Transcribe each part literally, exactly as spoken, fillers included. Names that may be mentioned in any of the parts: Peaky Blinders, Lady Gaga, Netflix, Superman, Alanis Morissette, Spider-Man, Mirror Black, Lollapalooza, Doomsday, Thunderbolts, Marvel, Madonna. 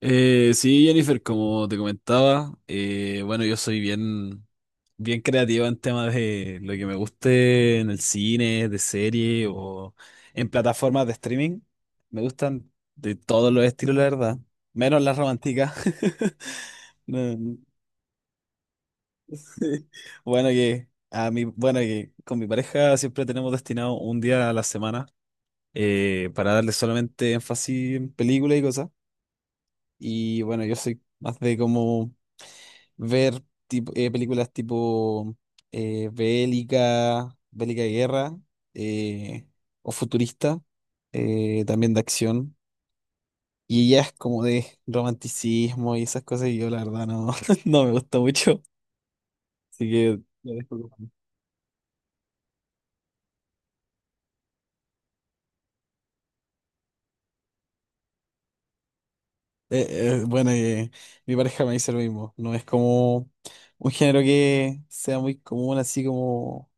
Eh, sí, Jennifer, como te comentaba, eh, bueno, yo soy bien, bien creativa en temas de lo que me guste en el cine, de serie o en plataformas de streaming. Me gustan de todos los estilos, la verdad, menos las románticas. No, no. Bueno, que a mí, bueno, que con mi pareja siempre tenemos destinado un día a la semana eh, para darle solamente énfasis en películas y cosas. Y bueno, yo soy más de como ver tipo, eh, películas tipo eh, bélica, bélica de guerra eh, o futurista, eh, también de acción. Y ella es como de romanticismo y esas cosas y yo la verdad no, no me gusta mucho. Así que la dejo como- Eh, eh, bueno, eh, mi pareja me dice lo mismo. No es como un género que sea muy común, así como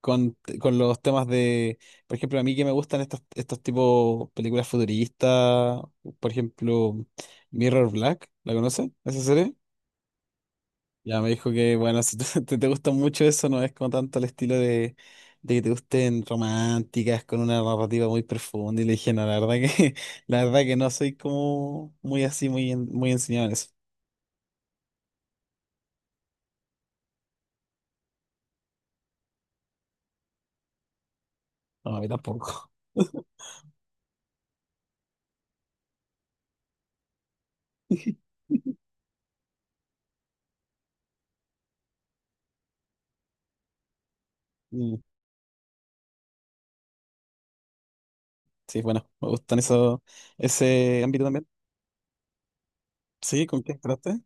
con, con los temas de, por ejemplo, a mí que me gustan estos, estos tipos películas futuristas, por ejemplo, Mirror Black, ¿la conoces? ¿Esa serie? Ya me dijo que, bueno, si te, te, te gusta mucho eso, no es como tanto el estilo de, de que te gusten románticas con una narrativa muy profunda. Y le dije, no, la verdad que, la verdad que no soy como muy así, muy, en- muy enseñado en eso. No, a mí tampoco. Mm, sí, bueno, me gustan eso, ese ámbito también. Sí, ¿con qué entraste?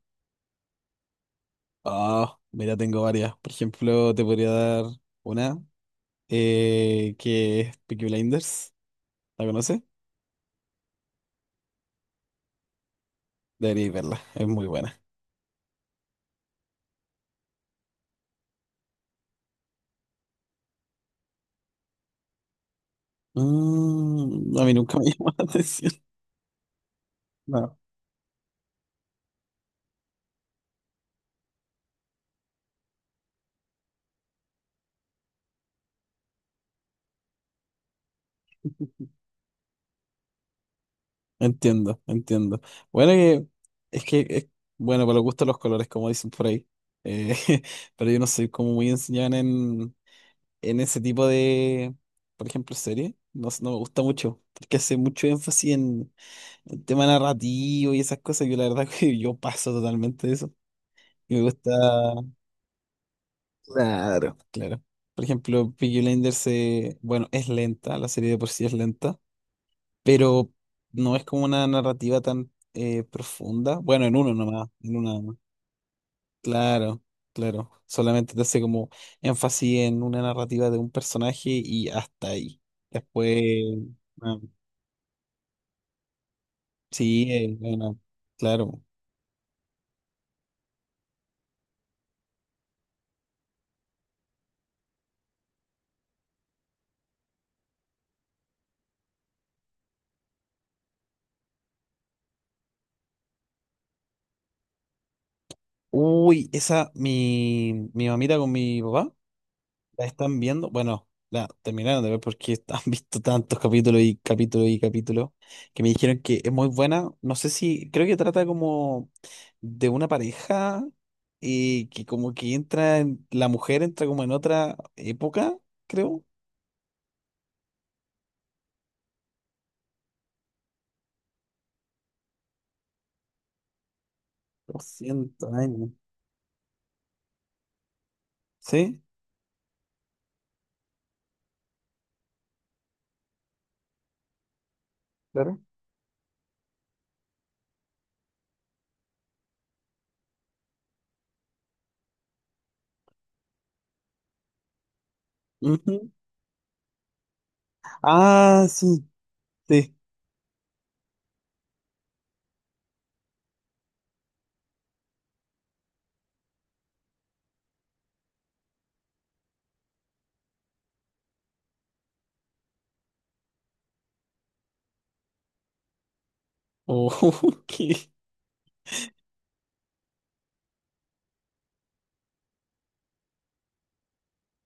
Ah, mira, tengo varias. Por ejemplo, te podría dar una eh, que es Peaky Blinders. ¿La conoces? Deberías verla, es muy buena. Mm, a mí nunca me llamó la atención. No. Entiendo, entiendo. Bueno, que- es que, es, bueno, para los gustos los colores, como dicen por ahí. Eh, pero yo no soy como muy enseñado en, en ese tipo de, por ejemplo, serie. No, sé, no me gusta mucho, porque hace mucho énfasis en el tema narrativo y esas cosas, yo la verdad que yo paso totalmente de eso. Y me gusta. Claro, claro. Por ejemplo, Peaky Blinders se, bueno, es lenta, la serie de por sí es lenta, pero no es como una narrativa tan eh, profunda. Bueno, en uno nomás, en una nomás. Claro, claro. Solamente te hace como énfasis en una narrativa de un personaje y hasta ahí. Después, ah, sí, eh, bueno, claro. Uy, esa, mi, mi mamita con mi papá. La están viendo, bueno, la terminaron de ver porque han visto tantos capítulos y capítulos y capítulos que me dijeron que es muy buena. No sé si, creo que trata como de una pareja y que como que entra, en- la mujer entra como en otra época, creo. Doscientos años. ¿Sí? Claro. Ujú. Ah, sí, sí. Oh, qué,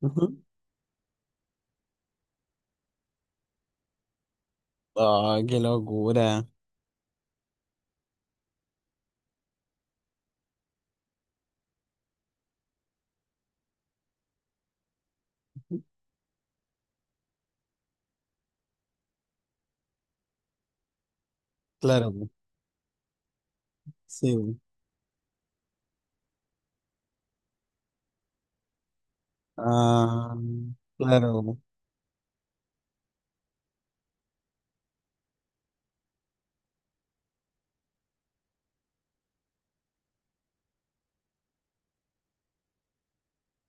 ujú. Ah, qué locura. Claro, sí. Ah, claro.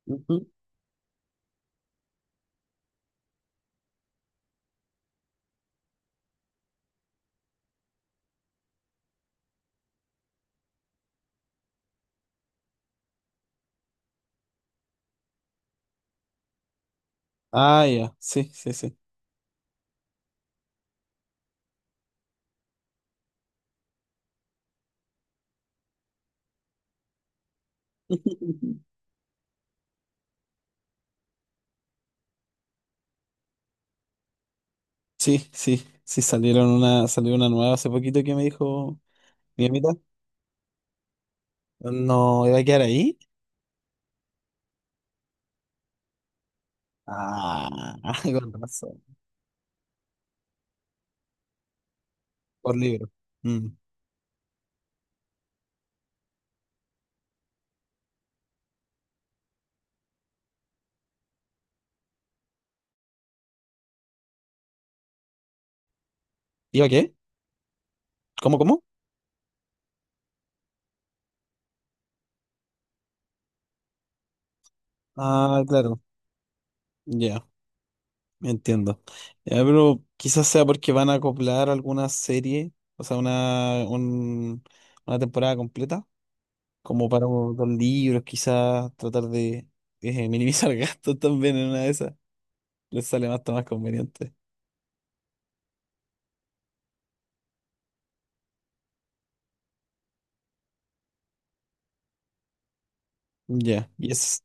Ujú. Ah, ya, sí, sí, sí. Sí, sí, sí, salieron una, salió una nueva hace poquito que me dijo mi amiga. No, ¿iba a quedar ahí? Ah, con razón, por libro. Mm. ¿Iba qué? ¿Cómo, cómo? Ah, claro, ya, entiendo. Ya, pero quizás sea porque van a acoplar alguna serie, o sea, una, un- una temporada completa, como para dos libros, quizás tratar de eh, minimizar gastos también en una de esas. Les sale más, más conveniente. Ya, y es.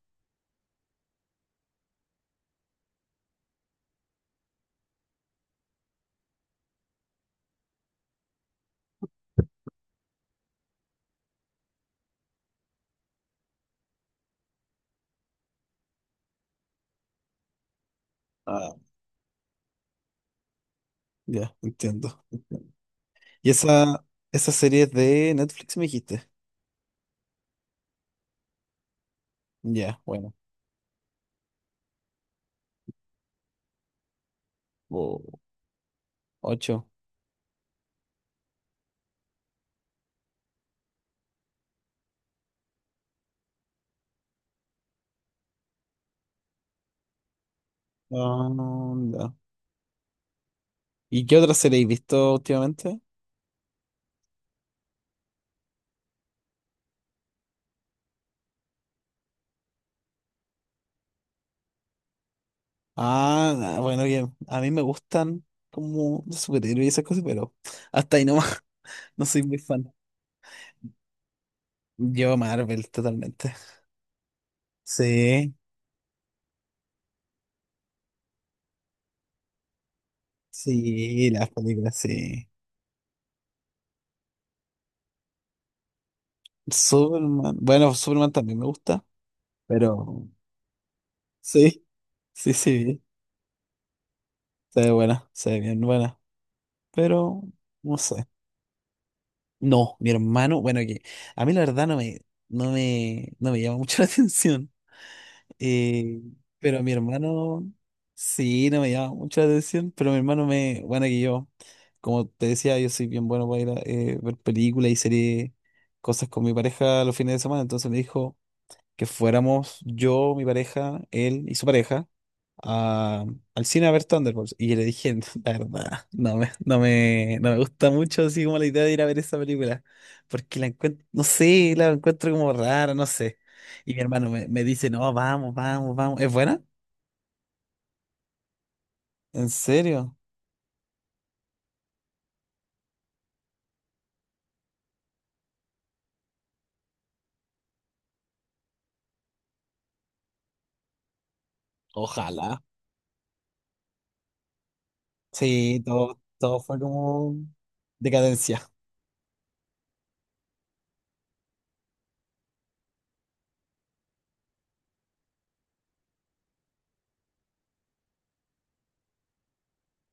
Ah, ya, entiendo. Y esa, esa serie es de Netflix, me dijiste. Ya, bueno. Oh, ocho. Ah, ya. ¿Y qué otra serie has visto últimamente? Ah, ah, bueno, bien. A mí me gustan como de superhéroes y esas cosas, pero hasta ahí nomás. No soy muy fan. Yo Marvel, totalmente. Sí, sí, las películas, sí. Superman. Bueno, Superman también me gusta, pero sí, sí, sí. Se ve buena, se ve bien buena, pero no sé. No, mi hermano, bueno, que a mí la verdad no me, no me, no me llama mucho la atención, eh, pero mi hermano, sí, no me llama mucho la atención, pero mi hermano me, bueno, que yo, como te decía, yo soy bien bueno para ir a eh, ver películas y series, cosas con mi pareja los fines de semana, entonces me dijo, que fuéramos yo, mi pareja, él y su pareja a- al cine a ver Thunderbolts. Y yo le dije, la verdad, no me, no me, no me gusta mucho así como la idea de ir a ver esa película, porque la encuentro, no sé, la encuentro como rara, no sé. Y mi hermano me, me dice, no, vamos, vamos, vamos. ¿Es buena? ¿En serio? Ojalá. Sí, todo, todo fue como decadencia,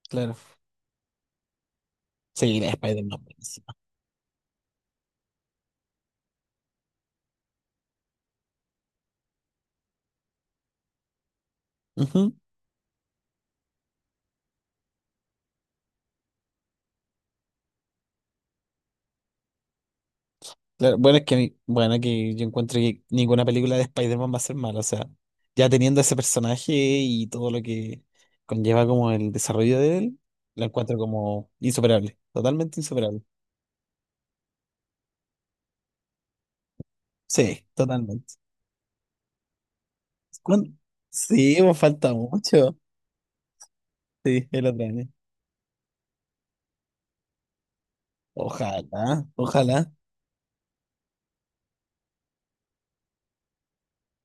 claro. Sí, la Spider-Man, buenísima. Claro, bueno, es que, a mí- bueno, que yo encuentro que ninguna película de Spider-Man va a ser mala, o sea, ya teniendo ese personaje y todo lo que conlleva como el desarrollo de él, la encuentro como insuperable, totalmente insuperable. Sí, totalmente. ¿Cuán- Sí, pues, falta mucho. Sí, el otro año. Ojalá, ojalá.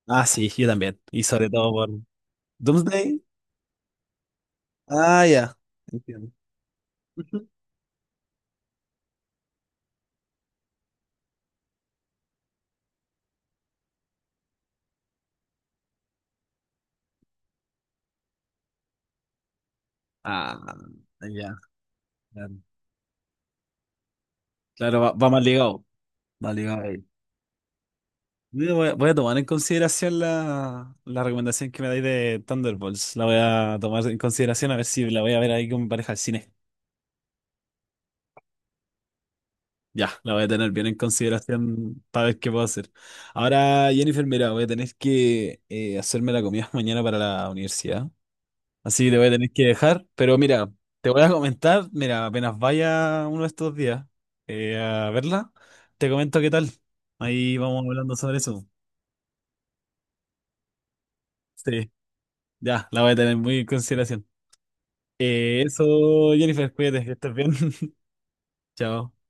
Ah, sí, yo también. Y sobre todo por Doomsday. Ah, ya. Entiendo. Ujú. Ah, ya. Claro, claro, va, va más ligado. Va ligado. Mira, voy a, voy a tomar en consideración la, la recomendación que me dais de Thunderbolts. La voy a tomar en consideración a ver si la voy a ver ahí con mi pareja al cine. Ya, la voy a tener bien en consideración para ver qué puedo hacer. Ahora, Jennifer, mira, voy a tener que eh, hacerme la comida mañana para la universidad. Así que te voy a tener que dejar. Pero mira, te voy a comentar, mira, apenas vaya uno de estos días eh, a verla, te comento qué tal. Ahí vamos hablando sobre eso. Sí, ya, la voy a tener muy en consideración. Eh, eso, Jennifer, cuídate, que estés bien. Chao.